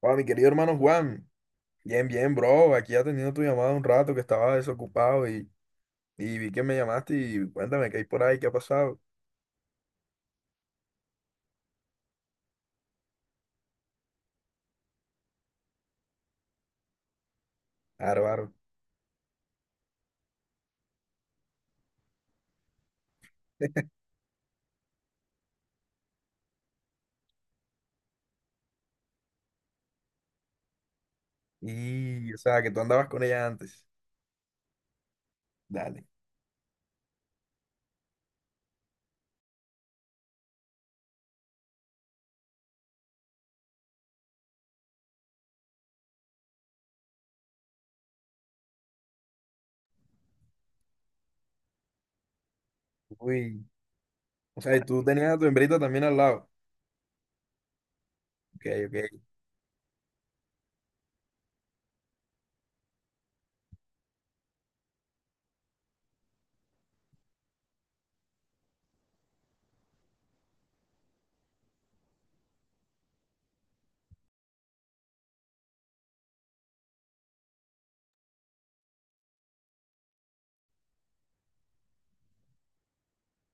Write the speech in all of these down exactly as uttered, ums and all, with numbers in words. Hola, mi querido hermano Juan. Bien, bien, bro. Aquí atendiendo tu llamada un rato que estaba desocupado y, y vi que me llamaste y cuéntame qué hay por ahí, qué ha pasado. Bárbaro. Y, o sea, que tú andabas con ella antes. Dale. Uy. O sea, y tú tenías a tu hembrita también al lado. Ok, ok.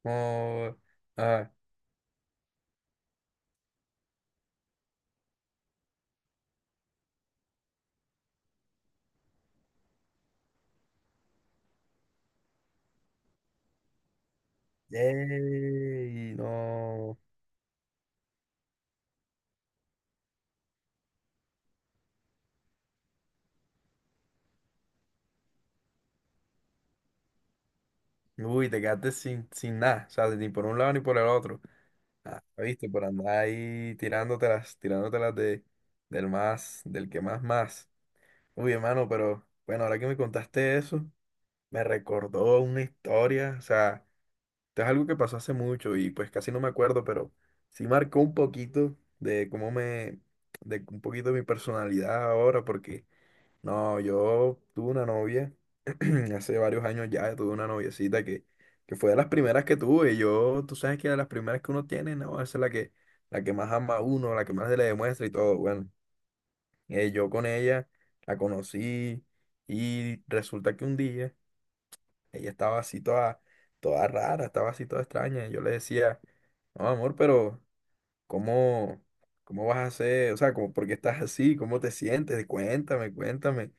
Oh, ah. Ey, no. Uy, te quedaste sin, sin nada. O sea, ni por un lado ni por el otro. Ah, viste, por andar ahí tirándotelas, tirándotelas de, del más, del que más más. Uy, hermano, pero bueno, ahora que me contaste eso, me recordó una historia, o sea, esto es algo que pasó hace mucho y pues casi no me acuerdo, pero sí marcó un poquito de cómo me, de un poquito de mi personalidad ahora, porque no, yo tuve una novia, hace varios años ya tuve una noviecita que, que fue de las primeras que tuve, y yo, tú sabes que de las primeras que uno tiene, no, esa es la que, la que más ama a uno, la que más se le demuestra y todo, bueno. Eh, yo con ella la conocí y resulta que un día ella estaba así toda, toda rara, estaba así toda extraña. Y yo le decía, no, amor, pero ¿cómo, cómo vas a hacer? O sea, ¿cómo, ¿por qué estás así? ¿Cómo te sientes? Cuéntame, cuéntame.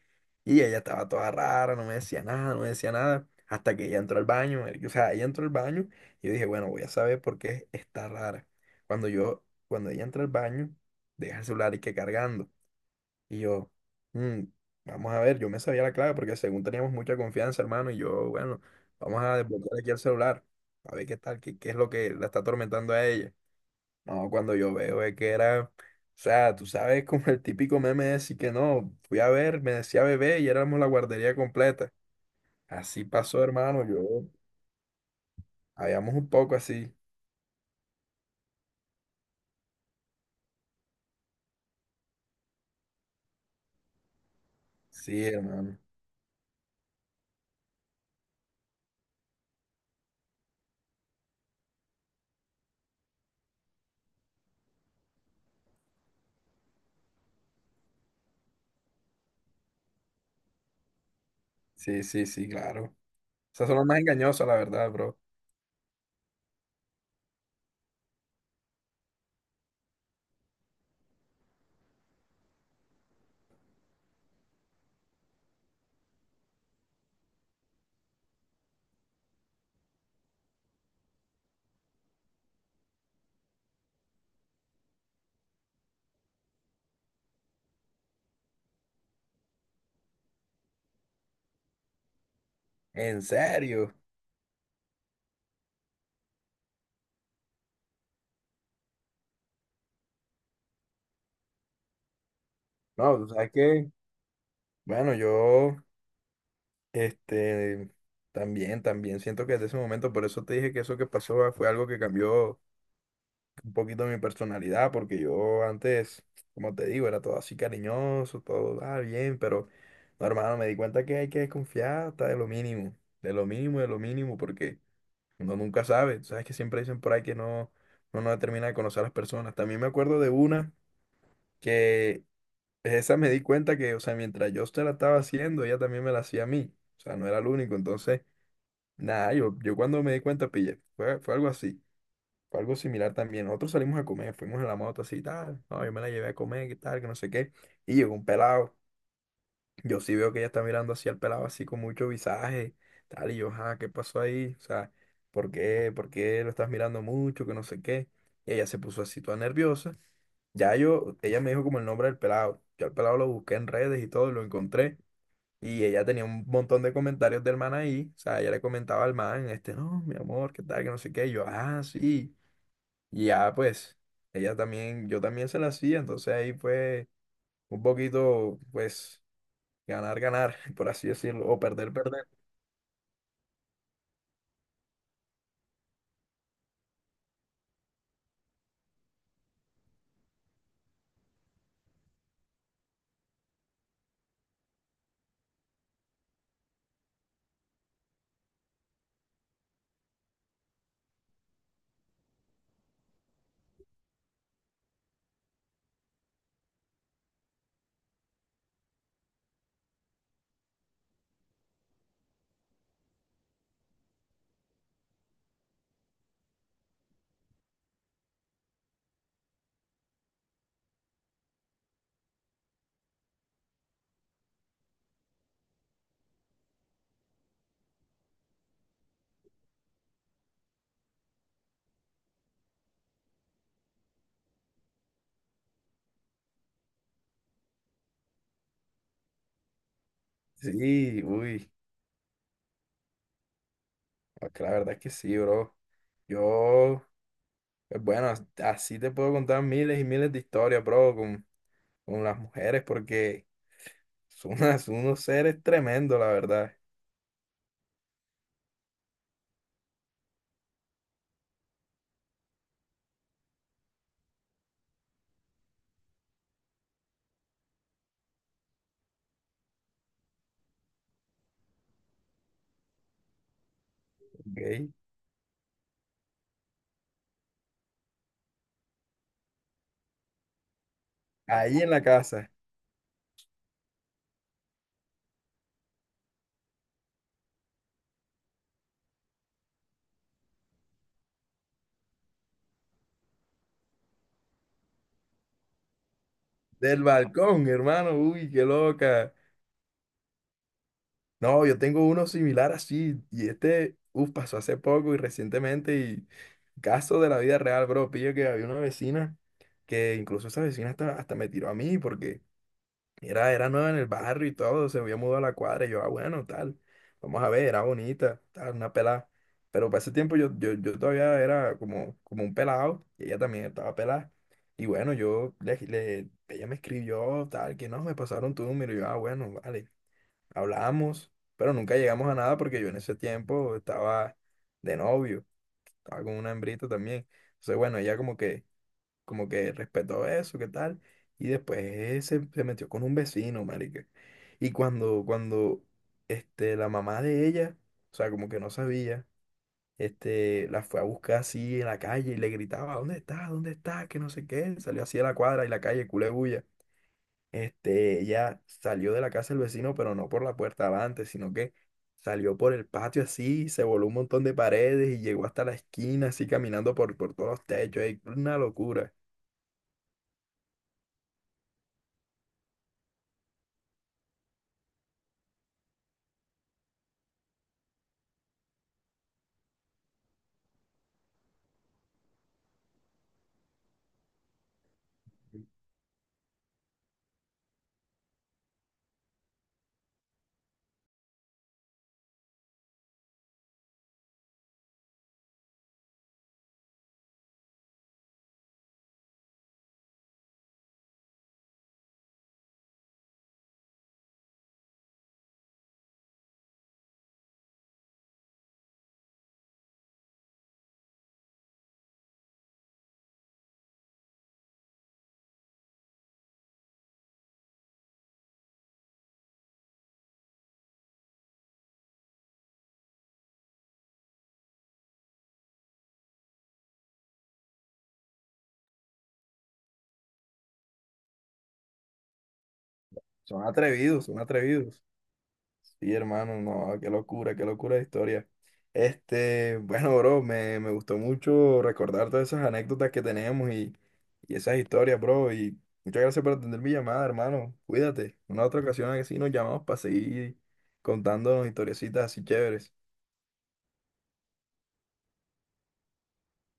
Y ella estaba toda rara, no me decía nada, no me decía nada. Hasta que ella entró al baño, marica. O sea, ella entró al baño y yo dije, bueno, voy a saber por qué está rara. Cuando yo, cuando ella entra al baño, deja el celular y que cargando. Y yo, "Mm, vamos a ver, yo me sabía la clave porque según teníamos mucha confianza, hermano, y yo, bueno, vamos a desbloquear aquí el celular, a ver qué tal, qué, qué es lo que la está atormentando a ella. No, cuando yo veo es que era, o sea, tú sabes como el típico meme de decir que no, fui a ver, me decía bebé y éramos la guardería completa. Así pasó, hermano, yo, habíamos un poco así. Sí, hermano. Sí, sí, sí, claro. Esas son las más engañosas, la verdad, bro. En serio. No, tú sabes que, bueno, yo Este, también, también siento que desde ese momento, por eso te dije que eso que pasó ah, fue algo que cambió un poquito mi personalidad, porque yo antes, como te digo, era todo así cariñoso, todo ah, bien, pero no, hermano, me di cuenta que hay que desconfiar hasta de lo mínimo, de lo mínimo, de lo mínimo, porque uno nunca sabe, sabes que siempre dicen por ahí que no, uno no termina de conocer a las personas. También me acuerdo de una que esa me di cuenta que, o sea, mientras yo se la estaba haciendo, ella también me la hacía a mí, o sea, no era el único, entonces... Nah, yo, yo cuando me di cuenta pillé. Fue, fue algo así. Fue algo similar también. Nosotros salimos a comer, fuimos a la moto así y tal. No, yo me la llevé a comer, que tal, que no sé qué. Y llegó un pelado. Yo sí veo que ella está mirando así al pelado, así con mucho visaje, tal. Y yo, ah, ¿qué pasó ahí? O sea, ¿por qué? ¿Por qué lo estás mirando mucho? Que no sé qué. Y ella se puso así toda nerviosa. Ya yo, ella me dijo como el nombre del pelado. Yo al pelado lo busqué en redes y todo, lo encontré. Y ella tenía un montón de comentarios del man ahí. O sea, ella le comentaba al man, este, no, mi amor, qué tal, que no sé qué. Y yo, ah, sí. Y ya, pues, ella también, yo también se la hacía. Entonces ahí fue un poquito, pues, ganar, ganar, por así decirlo, o perder, perder. Sí, uy, es que la verdad es que sí, bro. Yo, pues, bueno, as- así te puedo contar miles y miles de historias, bro, con, con las mujeres, porque son unas- unos seres tremendos, la verdad. ¿Ok? Ahí en la casa. Del balcón, hermano, uy, qué loca. No, yo tengo uno similar así, y este, uff, pasó hace poco y recientemente, y caso de la vida real, bro, pillo que había una vecina que incluso esa vecina hasta, hasta me tiró a mí, porque era, era nueva en el barrio y todo, se había mudado a la cuadra. Y yo, ah, bueno, tal. Vamos a ver, era bonita, tal, una pelada. Pero para ese tiempo yo, yo, yo todavía era como, como un pelado y ella también estaba pelada. Y bueno, yo, le, le- ella me escribió, tal, que no, me pasaron tu número. Y yo, ah, bueno, vale, hablamos. Pero nunca llegamos a nada porque yo en ese tiempo estaba de novio, estaba con una hembrita también. Entonces, bueno, ella como que como que respetó eso, qué tal. Y después se, se metió con un vecino, marica. Y cuando, cuando, este, la mamá de ella, o sea, como que no sabía, este, la fue a buscar así en la calle y le gritaba, ¿dónde está? ¿Dónde está? Que no sé qué. Salió así a la cuadra y la calle, culé bulla. Este, ella salió de la casa del vecino, pero no por la puerta adelante, sino que salió por el patio así, se voló un montón de paredes y llegó hasta la esquina así caminando por, por todos los techos. Ey, una locura. Son atrevidos, son atrevidos. Sí, hermano, no, qué locura, qué locura de historia. Este, bueno, bro, me, me gustó mucho recordar todas esas anécdotas que tenemos y, y esas historias, bro. Y muchas gracias por atender mi llamada, hermano. Cuídate. Una otra ocasión así nos llamamos para seguir contándonos historiecitas así chéveres.